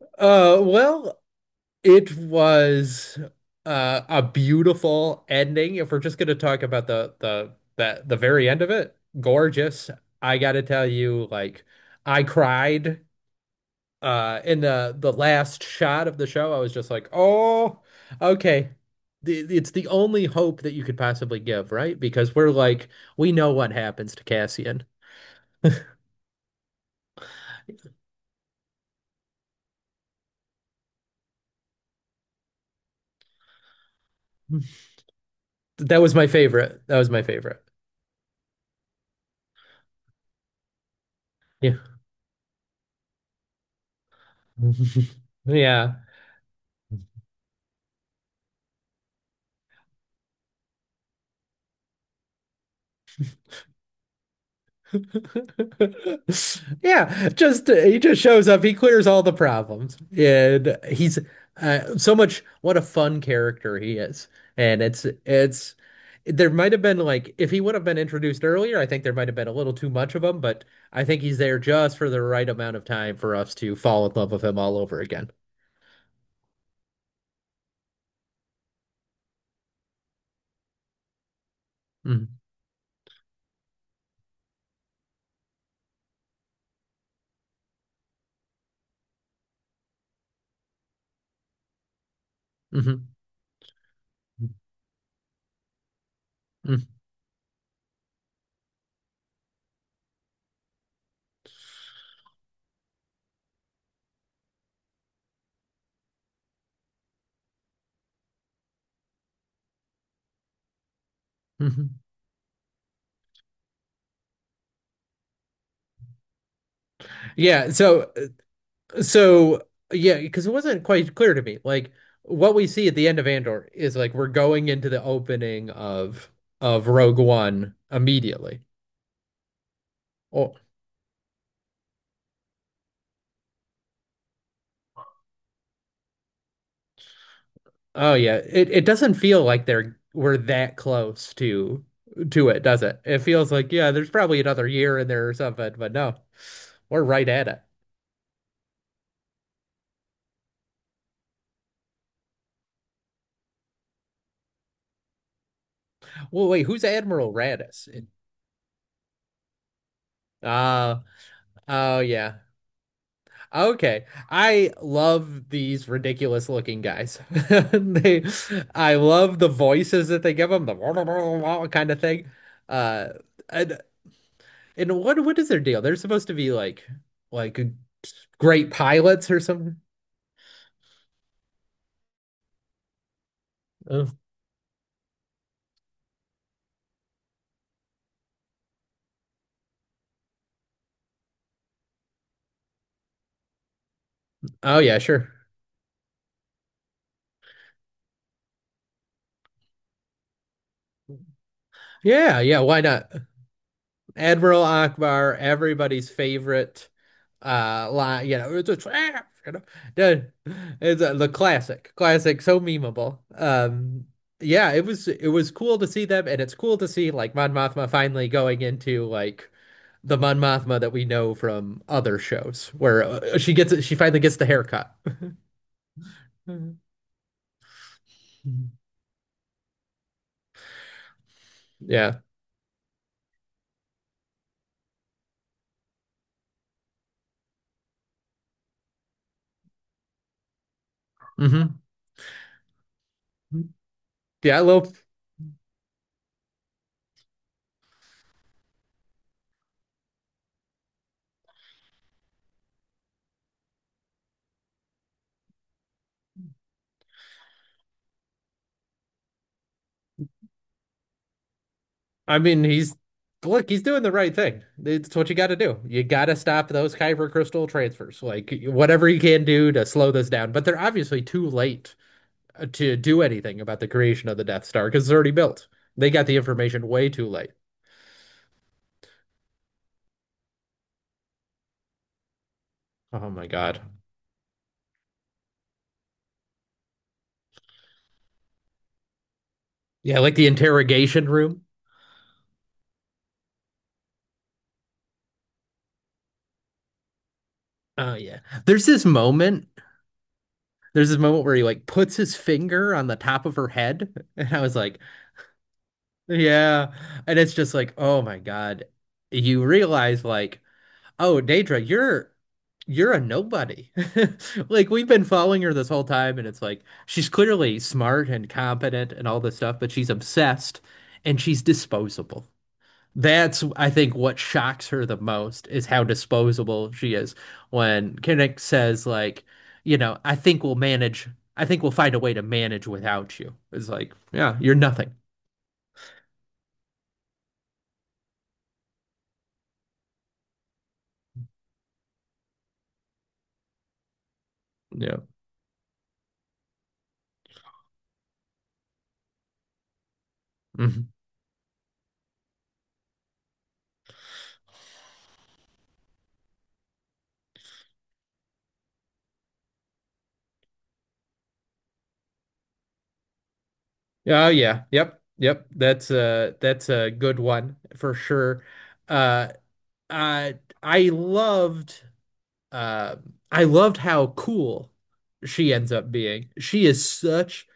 Uh, well, it was a beautiful ending. If we're just going to talk about the very end of it, gorgeous. I got to tell you, like, I cried. In the last shot of the show, I was just like, "Oh, okay." It's the only hope that you could possibly give, right? Because we're like, we know what happens to Cassian. That was my favorite. That was my favorite. Yeah. Yeah. Yeah, just he just shows up. He clears all the problems, and he's so much. What a fun character he is, and it's. There might have been like if he would have been introduced earlier, I think there might have been a little too much of him, but I think he's there just for the right amount of time for us to fall in love with him all over again. Mm, mhm, mm, mhm. Yeah. So yeah, because it wasn't quite clear to me. Like what we see at the end of Andor is like we're going into the opening of Rogue One immediately. Oh, oh yeah. It doesn't feel like they're we're that close to it, does it? It feels like yeah, there's probably another year in there or something, but no, we're right at it. Well, wait, who's Admiral Raddus? Ah, oh yeah. Okay. I love these ridiculous looking guys. They I love the voices that they give them, the kind of thing. Uh and, and what is their deal? They're supposed to be like like great pilots or something. Oh, oh yeah, sure. Yeah, yeah, why not? Admiral Akbar, everybody's favorite line, you know, it's a trap, you know. The- It's the classic, classic, so memeable. Yeah, it was cool to see them, and it's cool to see like Mon Mothma finally going into like the Mon Mothma that we know from other shows where she gets she finally gets the haircut. Mhm. Yeah. Hmm. Yeah, a little. I mean, he's look, he's doing the right thing. It's what you got to do. You got to stop those Kyber crystal transfers. Like whatever you can do to slow this down. But they're obviously too late to do anything about the creation of the Death Star because it's already built. They got the information way too late. Oh my God. Yeah, like the interrogation room. Oh yeah. There's this moment. There's this moment where he like puts his finger on the top of her head, and I was like, "Yeah," and it's just like, "Oh my God!" You realize like Oh, Daedra, you're a nobody. Like we've been following her this whole time, and it's like she's clearly smart and competent and all this stuff, but she's obsessed and she's disposable. That's, I think, what shocks her the most is how disposable she is. When Kinnick says, like, I think we'll manage, I think we'll find a way to manage without you. It's like, yeah, you're nothing. Yeah. Oh yeah. Yep. Yep. That's a good one for sure. Uh uh I loved uh I loved how cool she ends up being. She is such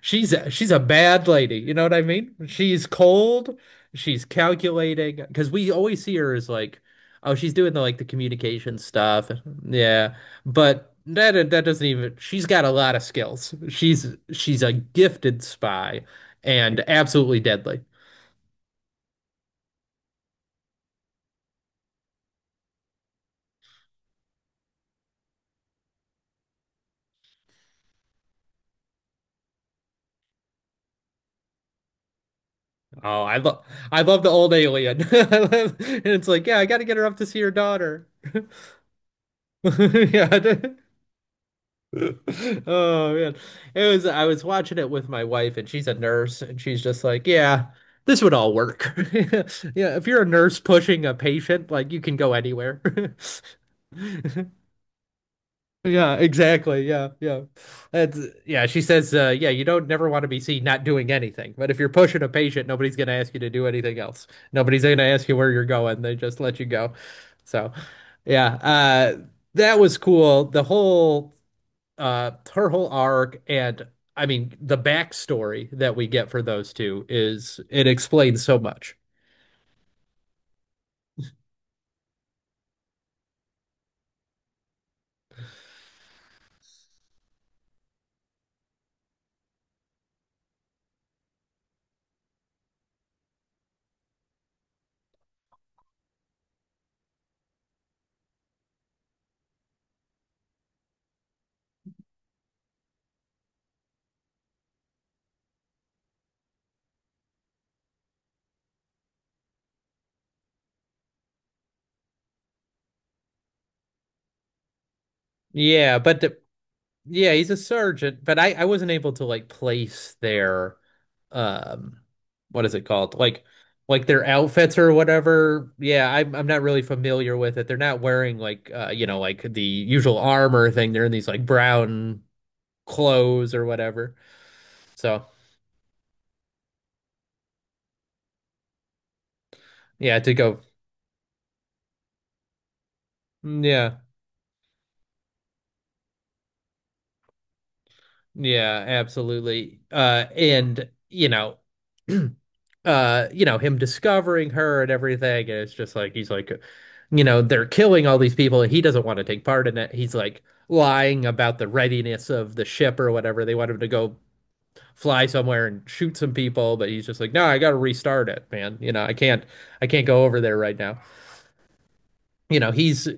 She's a bad lady, you know what I mean? She's cold, she's calculating, because we always see her as like, oh, she's doing the like the communication stuff. Yeah. But that doesn't even she's got a lot of skills. She's a gifted spy and absolutely deadly. Oh, I love the old alien. I love, and it's like, yeah, I gotta get her up to see her daughter. Yeah. Oh man. It was I was watching it with my wife and she's a nurse and she's just like, yeah, this would all work. Yeah, if you're a nurse pushing a patient, like you can go anywhere. Yeah, exactly. Yeah, yeah. That's yeah, she says yeah, you don't never want to be seen not doing anything. But if you're pushing a patient, nobody's going to ask you to do anything else. Nobody's going to ask you where you're going. They just let you go. So, yeah, that was cool. The whole her whole arc and I mean the backstory that we get for those two is it explains so much. Yeah, but the, yeah, he's a surgeon, but I wasn't able to like place their um what is it called? Like their outfits or whatever. Yeah, I'm not really familiar with it. They're not wearing like you know like the usual armor thing. They're in these like brown clothes or whatever. So, yeah, to go yeah. Yeah, absolutely. And you know, you know, him discovering her and everything, and it's just like he's like, you know, they're killing all these people, and he doesn't want to take part in it. He's like lying about the readiness of the ship or whatever. They want him to go fly somewhere and shoot some people, but he's just like, no, I got to restart it, man. You know, I can't go over there right now. You know, he's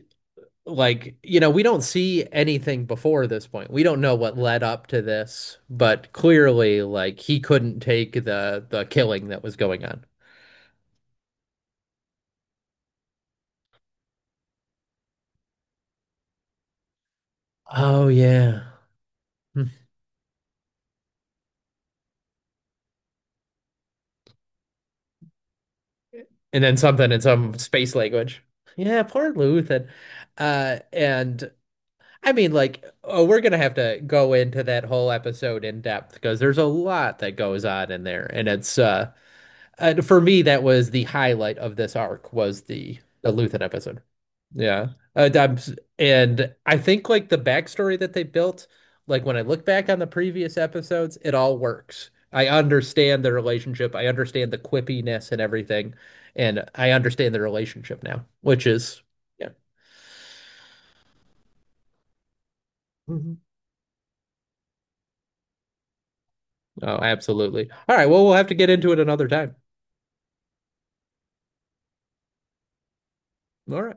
like you know we don't see anything before this point. We don't know what led up to this, but clearly like he couldn't take the killing that was going on. Oh yeah. Hmm. And then something in some space language. Yeah, poor Luthen. And I mean like oh we're gonna have to go into that whole episode in depth because there's a lot that goes on in there, and it's for me, that was the highlight of this arc was the Luthen episode. Yeah, and I think like the backstory that they built, like when I look back on the previous episodes, it all works. I understand the relationship. I understand the quippiness and everything, and I understand the relationship now, which is yeah. Mhm. Oh, absolutely. All right. Well, we'll have to get into it another time. All right.